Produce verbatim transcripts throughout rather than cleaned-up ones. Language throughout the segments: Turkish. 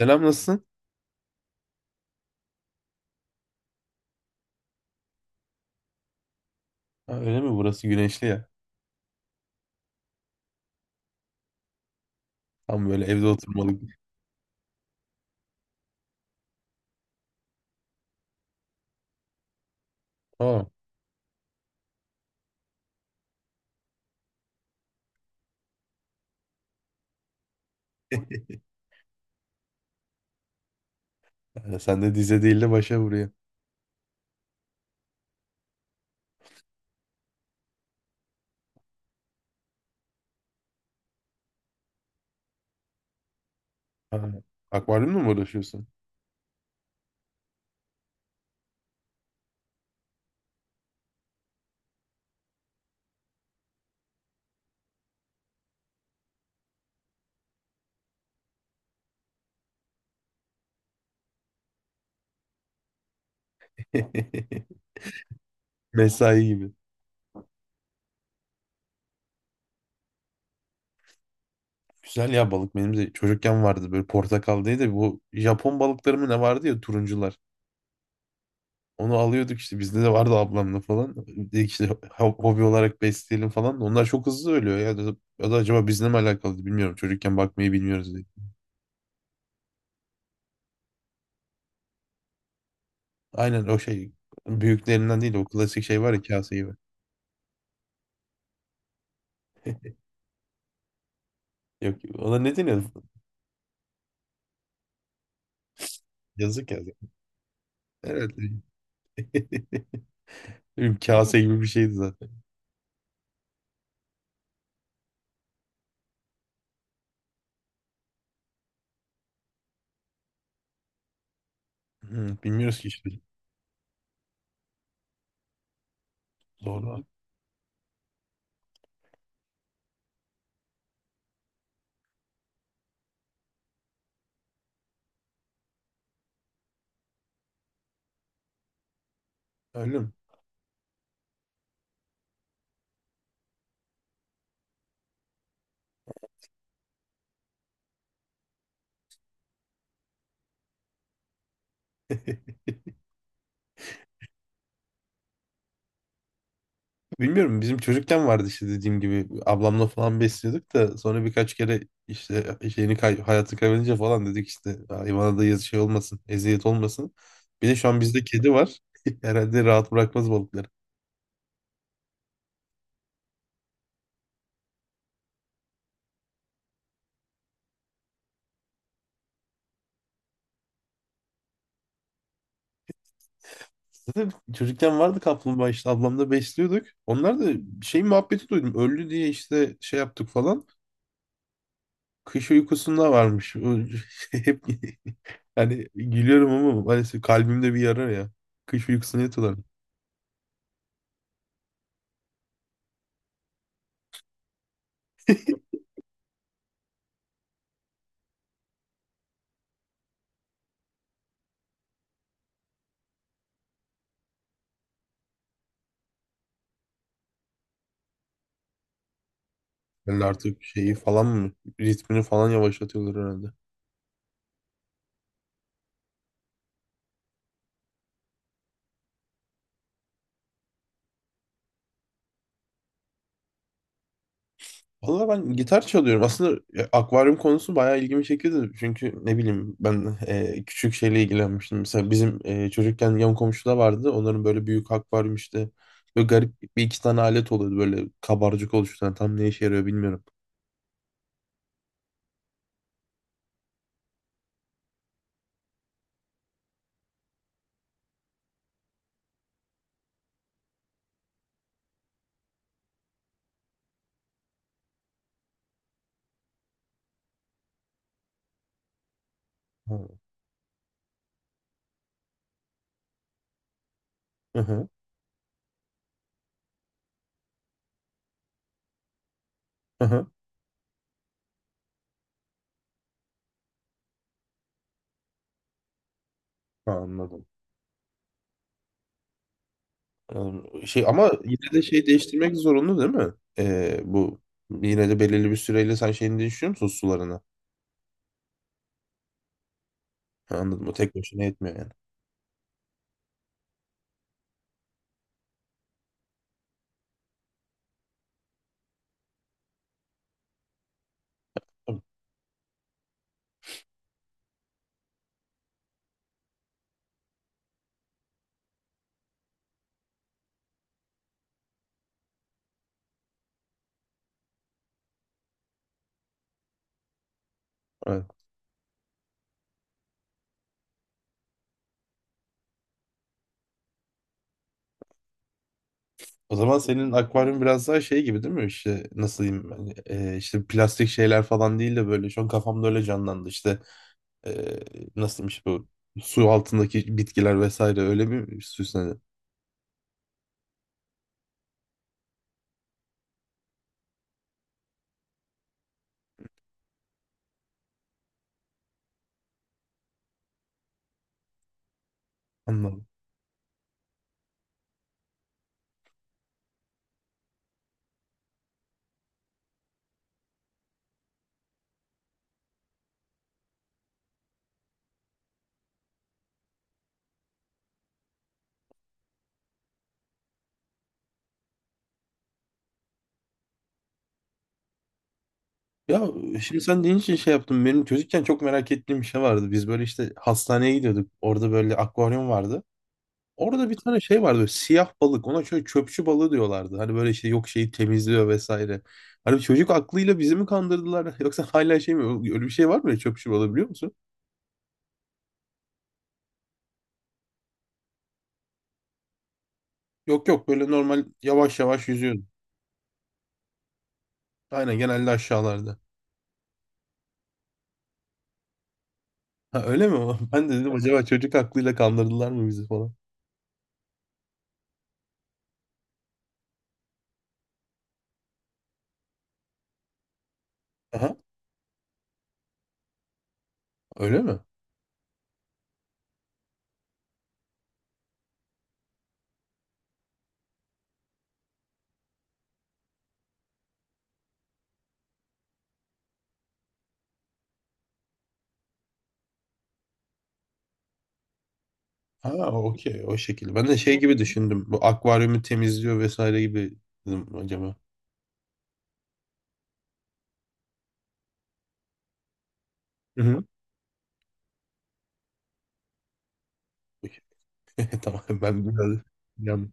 Selam, nasılsın? Ha, öyle mi? Burası güneşli ya. Tam böyle evde oturmalık. Tamam. Yani sen de dize değil de başa vuruyor. Ha, akvaryumla mı uğraşıyorsun? Mesai gibi. Güzel ya, balık benim de çocukken vardı, böyle portakaldaydı. Da Bu Japon balıkları mı ne vardı ya, turuncular. Onu alıyorduk, işte bizde de vardı ablamla falan. Dedik işte ho- hobi olarak besleyelim falan. Onlar çok hızlı ölüyor ya. Ya da ya da acaba bizle mi alakalı bilmiyorum. Çocukken bakmayı bilmiyoruz diye. Aynen, o şey, büyüklerinden değil, o klasik şey var ya, kase gibi. Yok, ona ne deniyordu? Yazık ya. Herhalde. Bir kase gibi bir şeydi zaten. Hı, bilmiyoruz ki işte. Doğru. Öyle mi? Bilmiyorum, bizim çocukken vardı işte, dediğim gibi ablamla falan besliyorduk da sonra birkaç kere işte şeyini kay hayatı kaybedince falan dedik işte hayvana da yazı şey olmasın, eziyet olmasın. Bir de şu an bizde kedi var. Herhalde rahat bırakmaz balıkları. Zaten çocukken vardı kaplumbağa, işte ablamla besliyorduk. Onlar da şey muhabbeti duydum. Öldü diye işte şey yaptık falan. Kış uykusunda varmış. O hep, yani gülüyorum ama maalesef kalbimde bir yara ya. Kış uykusuna yatıyorlar. Yani artık şeyi falan mı, ritmini falan yavaşlatıyorlar herhalde. Valla ben gitar çalıyorum. Aslında e, akvaryum konusu bayağı ilgimi çekiyordu. Çünkü ne bileyim ben, e, küçük şeyle ilgilenmiştim. Mesela bizim, e, çocukken yan komşuda vardı. Onların böyle büyük akvaryum işte. Böyle garip bir iki tane alet oluyordu. Böyle kabarcık oluşturan. Tam ne işe yarıyor bilmiyorum. Ha. Hı hı. Hı hı. Ha, anladım. Ee, Şey ama yine de şey değiştirmek zorunda değil mi? Ee, bu yine de belirli bir süreyle sen şeyini değiştiriyor musun, sularını? Ha, anladım. O tek başına yetmiyor yani. Tamam. Evet. O zaman senin akvaryum biraz daha şey gibi değil mi? İşte nasıl diyeyim ben? Ee, işte plastik şeyler falan değil de böyle şu an kafamda öyle canlandı. İşte ee, nasıl diyeyim işte bu su altındaki bitkiler vesaire öyle bir süsledi. Anladım. Ya şimdi sen deyince için şey yaptım. Benim çocukken çok merak ettiğim bir şey vardı. Biz böyle işte hastaneye gidiyorduk. Orada böyle akvaryum vardı. Orada bir tane şey vardı, böyle siyah balık, ona şöyle çöpçü balığı diyorlardı. Hani böyle işte yok şeyi temizliyor vesaire. Hani çocuk aklıyla bizi mi kandırdılar yoksa hala şey mi, öyle bir şey var mı ya, çöpçü balığı biliyor musun? Yok yok, böyle normal yavaş yavaş yüzüyordu. Aynen, genelde aşağılarda. Ha, öyle mi? O? Ben de dedim acaba çocuk aklıyla kandırdılar mı bizi falan. Aha, öyle mi? Ha, okey, o şekilde. Ben de şey gibi düşündüm. Bu akvaryumu temizliyor vesaire gibi, dedim acaba. Hı hı. Tamam, ben biraz... Yani,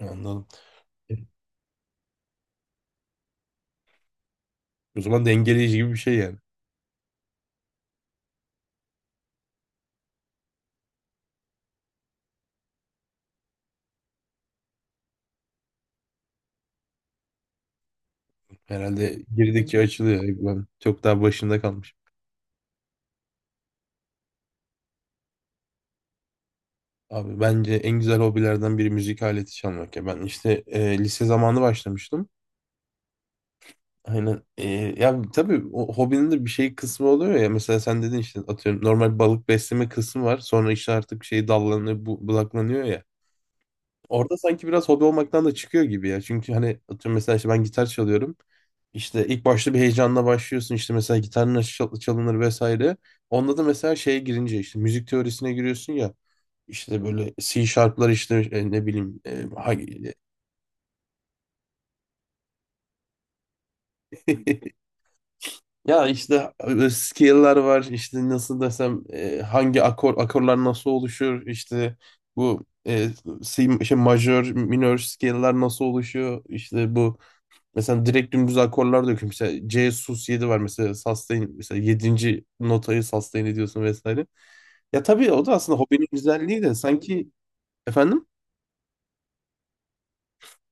anladım. O zaman dengeleyici gibi bir şey yani. Herhalde girdikçe açılıyor. Hani ben çok daha başında kalmış. Abi, bence en güzel hobilerden biri müzik aleti çalmak ya. Ben işte e, lise zamanı başlamıştım. Aynen. E, ya tabii o hobinin de bir şey kısmı oluyor ya. Mesela sen dedin işte, atıyorum, normal balık besleme kısmı var. Sonra işte artık şey dallanıyor, bu, budaklanıyor ya. Orada sanki biraz hobi olmaktan da çıkıyor gibi ya. Çünkü hani atıyorum, mesela işte ben gitar çalıyorum. İşte ilk başta bir heyecanla başlıyorsun, işte mesela gitar nasıl çal- çalınır vesaire. Onda da mesela şeye girince işte müzik teorisine giriyorsun ya. İşte böyle C sharp'lar işte, e, ne bileyim, e, hangi- ya işte e, scale'lar var, işte nasıl desem, e, hangi akor akorlar nasıl oluşur, işte bu e, C, şey majör minör scale'lar nasıl oluşuyor işte bu. Mesela direkt dümdüz akorlar döküyorum. Mesela C sus yedi var mesela, sustain, mesela yedinci notayı sustain ediyorsun vesaire. Ya tabii o da aslında hobinin güzelliği de sanki, efendim,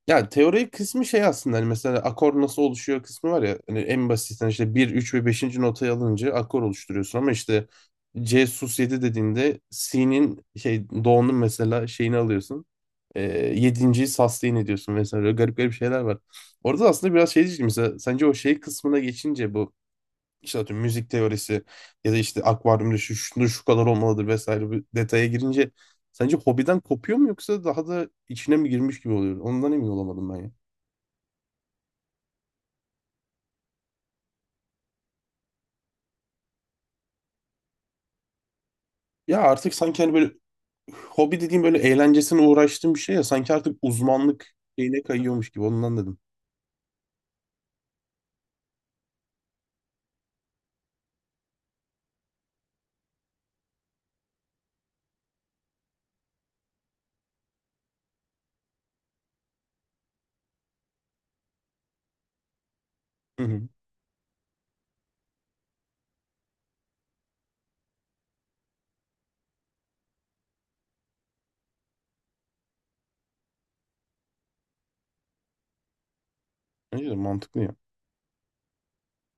ya teori kısmı şey aslında, hani mesela akor nasıl oluşuyor kısmı var ya, hani en basitten işte bir üç ve beşinci notayı alınca akor oluşturuyorsun, ama işte C sus yedi dediğinde C'nin şey do'nun mesela şeyini alıyorsun. E, yedinciyi.yi sustain ediyorsun vesaire. Böyle garip garip şeyler var. Orada da aslında biraz şey diyeceğim, mesela sence o şey kısmına geçince bu, İşte atıyorum müzik teorisi ya da işte akvaryumda şu, şunu şu kadar olmalıdır vesaire, bir detaya girince sence hobiden kopuyor mu yoksa daha da içine mi girmiş gibi oluyor? Ondan emin olamadım ben ya. Ya artık sanki hani böyle hobi dediğim böyle eğlencesine uğraştığım bir şey ya, sanki artık uzmanlık şeyine kayıyormuş gibi, ondan dedim. Hı hı. Bence de mantıklı ya.